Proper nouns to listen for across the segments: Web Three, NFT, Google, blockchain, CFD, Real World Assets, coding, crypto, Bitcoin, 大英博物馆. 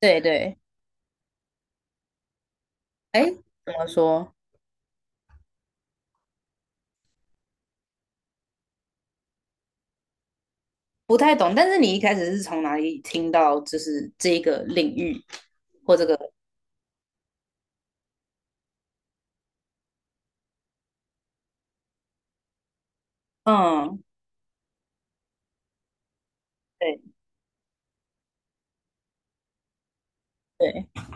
对对对，哎，怎么说？不太懂。但是你一开始是从哪里听到，就是这个领域或这个？嗯，对对。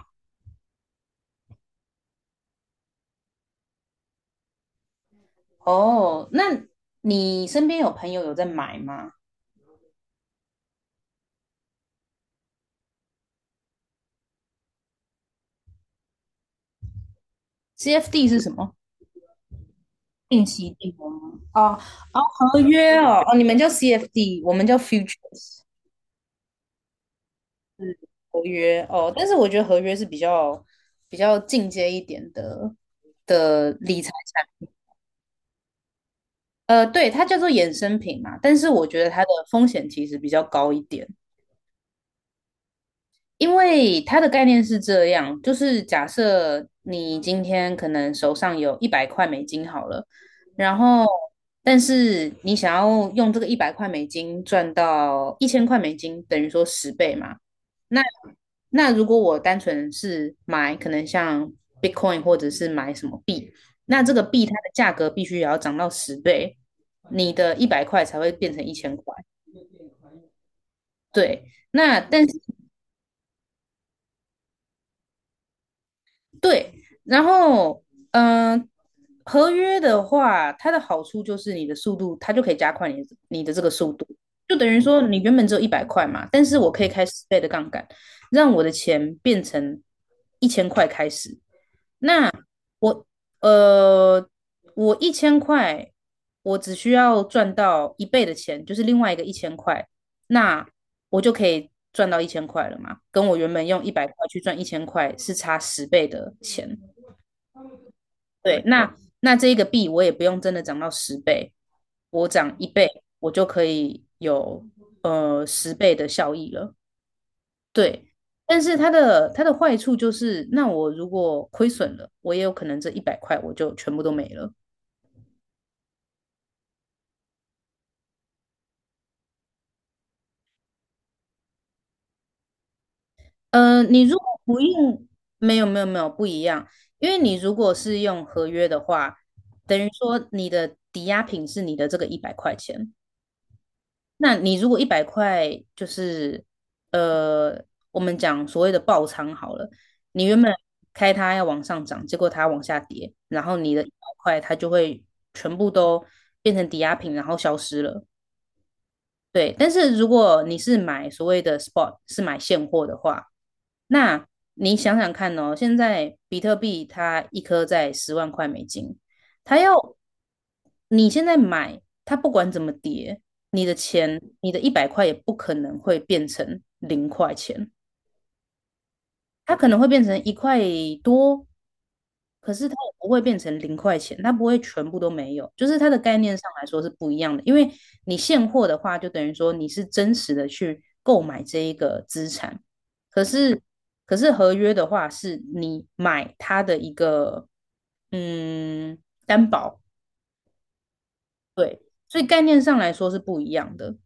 哦，那你身边有朋友有在买吗？CFD 是什么？定期定额吗？哦哦，合约哦哦，你们叫 CFD，我们叫 futures，是合约哦。但是我觉得合约是比较进阶一点的理财产品。对，它叫做衍生品嘛，但是我觉得它的风险其实比较高一点，因为它的概念是这样，就是假设你今天可能手上有一百块美金好了，然后但是你想要用这个一百块美金赚到$1000，等于说十倍嘛。那。那如果我单纯是买，可能像 Bitcoin 或者是买什么币，那这个币它的价格必须也要涨到十倍，你的一百块才会变成一千块。对，那但是对，然后嗯、呃合约的话，它的好处就是你的速度，它就可以加快你的这个速度，就等于说你原本只有一百块嘛，但是我可以开十倍的杠杆，让我的钱变成一千块开始。那我呃，我一千块，我只需要赚到一倍的钱，就是另外一个一千块，那我就可以赚到一千块了嘛？跟我原本用一百块去赚一千块是差十倍的钱。对，那这一个币我也不用真的涨到十倍，我涨一倍，我就可以有十倍的效益了。对，但是它的坏处就是，那我如果亏损了，我也有可能这一百块我就全部都没了。你如果不用，没有没有没有不一样，因为你如果是用合约的话，等于说你的抵押品是你的这个100块钱，那你如果一百块，就是呃，我们讲所谓的爆仓好了，你原本开它要往上涨，结果它往下跌，然后你的一百块它就会全部都变成抵押品，然后消失了。对，但是如果你是买所谓的 spot，是买现货的话，那你想想看哦，现在比特币它一颗在$100,000，它要你现在买，它不管怎么跌，你的钱，你的一百块也不可能会变成零块钱，它可能会变成一块多，可是它也不会变成零块钱，它不会全部都没有，就是它的概念上来说是不一样的。因为你现货的话，就等于说你是真实的去购买这一个资产，可是可是合约的话，是你买它的一个嗯担保，对，所以概念上来说是不一样的。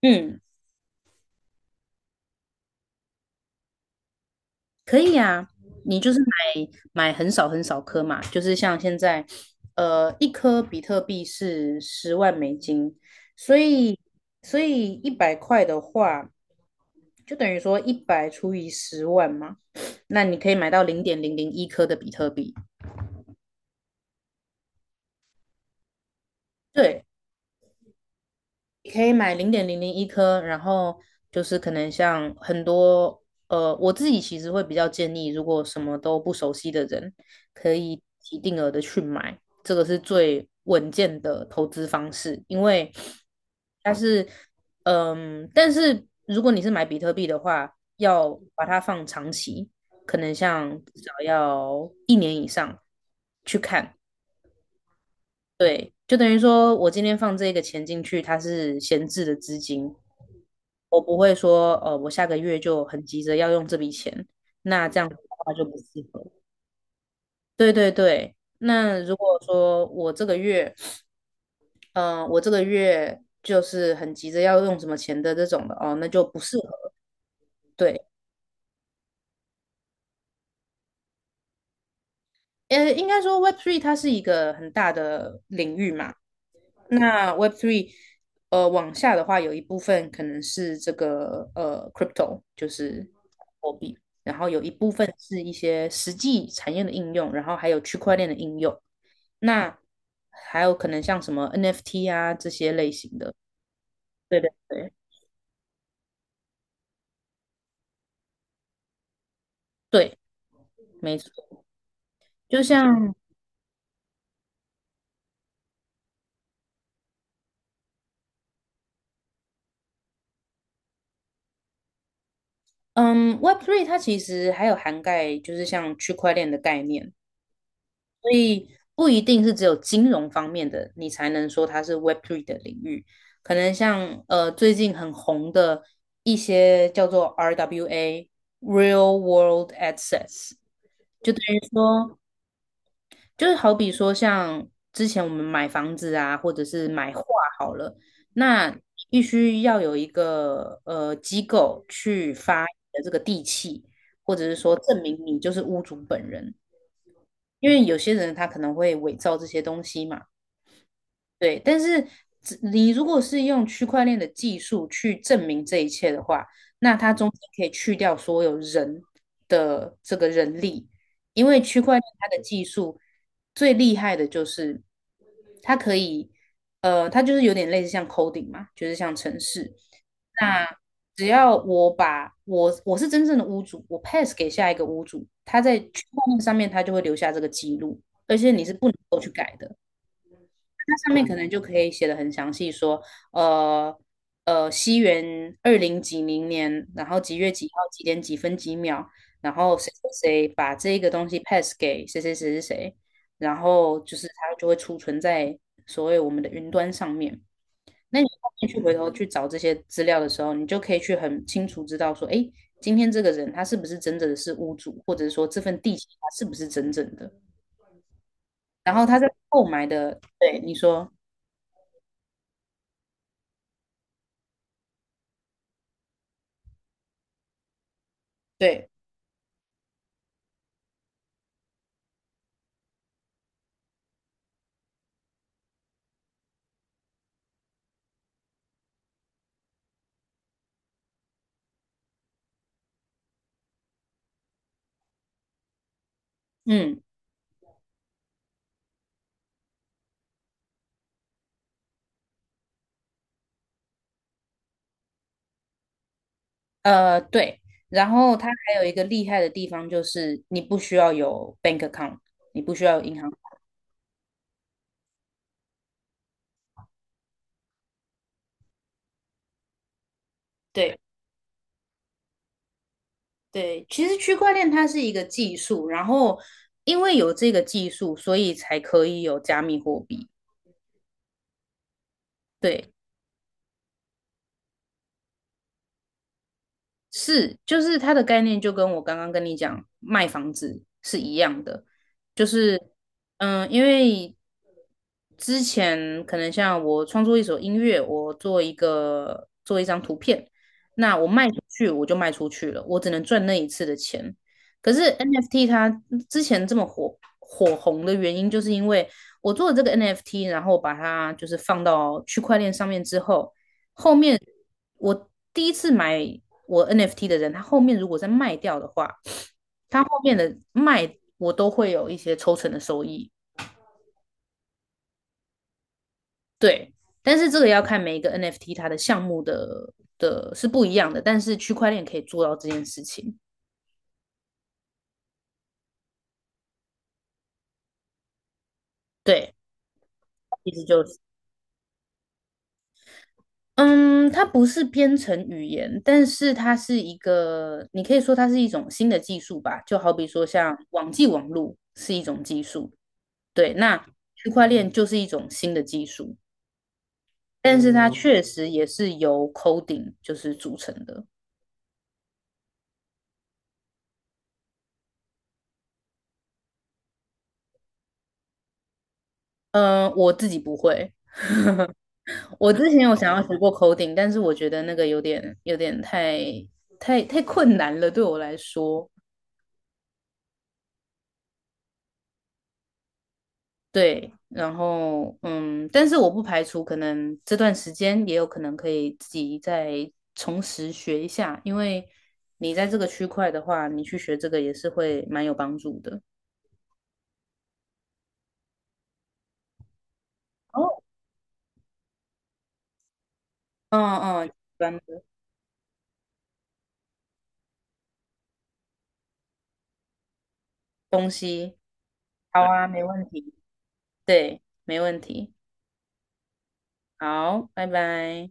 嗯，可以啊，你就是买很少很少颗嘛，就是像现在，一颗比特币是$100,000，所以所以一百块的话，就等于说100除以100,000嘛，那你可以买到零点零零一颗的比特币。对，你可以买零点零零一颗，然后就是可能像很多我自己其实会比较建议，如果什么都不熟悉的人，可以一定额的去买，这个是最稳健的投资方式，因为它是但是如果你是买比特币的话，要把它放长期，可能像至少要1年以上去看。对，就等于说我今天放这个钱进去，它是闲置的资金，我不会说，我下个月就很急着要用这笔钱，那这样子的话就不适合。对对对，那如果说我这个月就是很急着要用什么钱的这种的，哦，那就不适合。对，应该说 w e b Three 它是一个很大的领域嘛。那 Web Three，往下的话有一部分可能是这个crypto，就是货币，然后一部分是一些实际产业的应用，然后还有区块链的应用，那还有可能像什么 NFT 啊这些类型的。对对对对，没错，就像嗯 Web Three 它其实还有涵盖就是像区块链的概念，所以不一定是只有金融方面的，你才能说它是 Web Three 的领域。可能像最近很红的一些叫做 RWA Real World a s s e t s 就等于说，就是好比说像之前我们买房子啊，或者是买画好了，那必须要有一个机构去发你的这个地契，或者是说证明你就是屋主本人。因为有些人他可能会伪造这些东西嘛。对，但是只你如果是用区块链的技术去证明这一切的话，那它中间可以去掉所有人的这个人力，因为区块链它的技术最厉害的就是它可以，它就是有点类似像 coding 嘛，就是像程式。嗯那只要我把我我是真正的屋主，我 pass 给下一个屋主，他在区块链上面他就会留下这个记录，而且你是不能够去改的。上面可能就可以写的很详细说，呃西元二零几零年，然后几月几号几点几分几秒，然后谁谁谁把这个东西 pass 给谁谁谁谁谁，然后就是它就会储存在所谓我们的云端上面。那你后面去回头去找这些资料的时候，你就可以去很清楚知道说，哎，今天这个人他是不是真正的是屋主，或者是说这份地契他是不是真正的，然后他在购买的，对你说，对，嗯。对，然后它还有一个厉害的地方就是你不需要有 bank account，你不需要有银行。对对，其实区块链它是一个技术，然后因为有这个技术，所以才可以有加密货币。对，是，就是它的概念就跟我刚刚跟你讲卖房子是一样的，就是因为之前可能像我创作一首音乐，我做一个做一张图片，那我卖出去我就卖出去了，我只能赚那一次的钱。可是 NFT 它之前这么火红的原因，就是因为我做了这个 NFT，然后把它就是放到区块链上面之后。后面我第一次买我 NFT 的人，他后面如果再卖掉的话，他后面的卖我都会有一些抽成的收益。对，但是这个要看每一个 NFT 它的项目的是不一样的，但是区块链可以做到这件事情。对，其实就是。嗯，它不是编程语言，但是它是一个，你可以说它是一种新的技术吧，就好比说像网际网路是一种技术，对，那区块链就是一种新的技术，但是它确实也是由 coding 就是组成的。我自己不会，我之前有想要学过 coding，但是我觉得那个有点太困难了，对我来说。对，然后但是我不排除可能这段时间也有可能可以自己再重拾学一下，因为你在这个区块的话，你去学这个也是会蛮有帮助的。哦，嗯嗯，一般的东西。好啊，没问题。对，没问题。好，拜拜。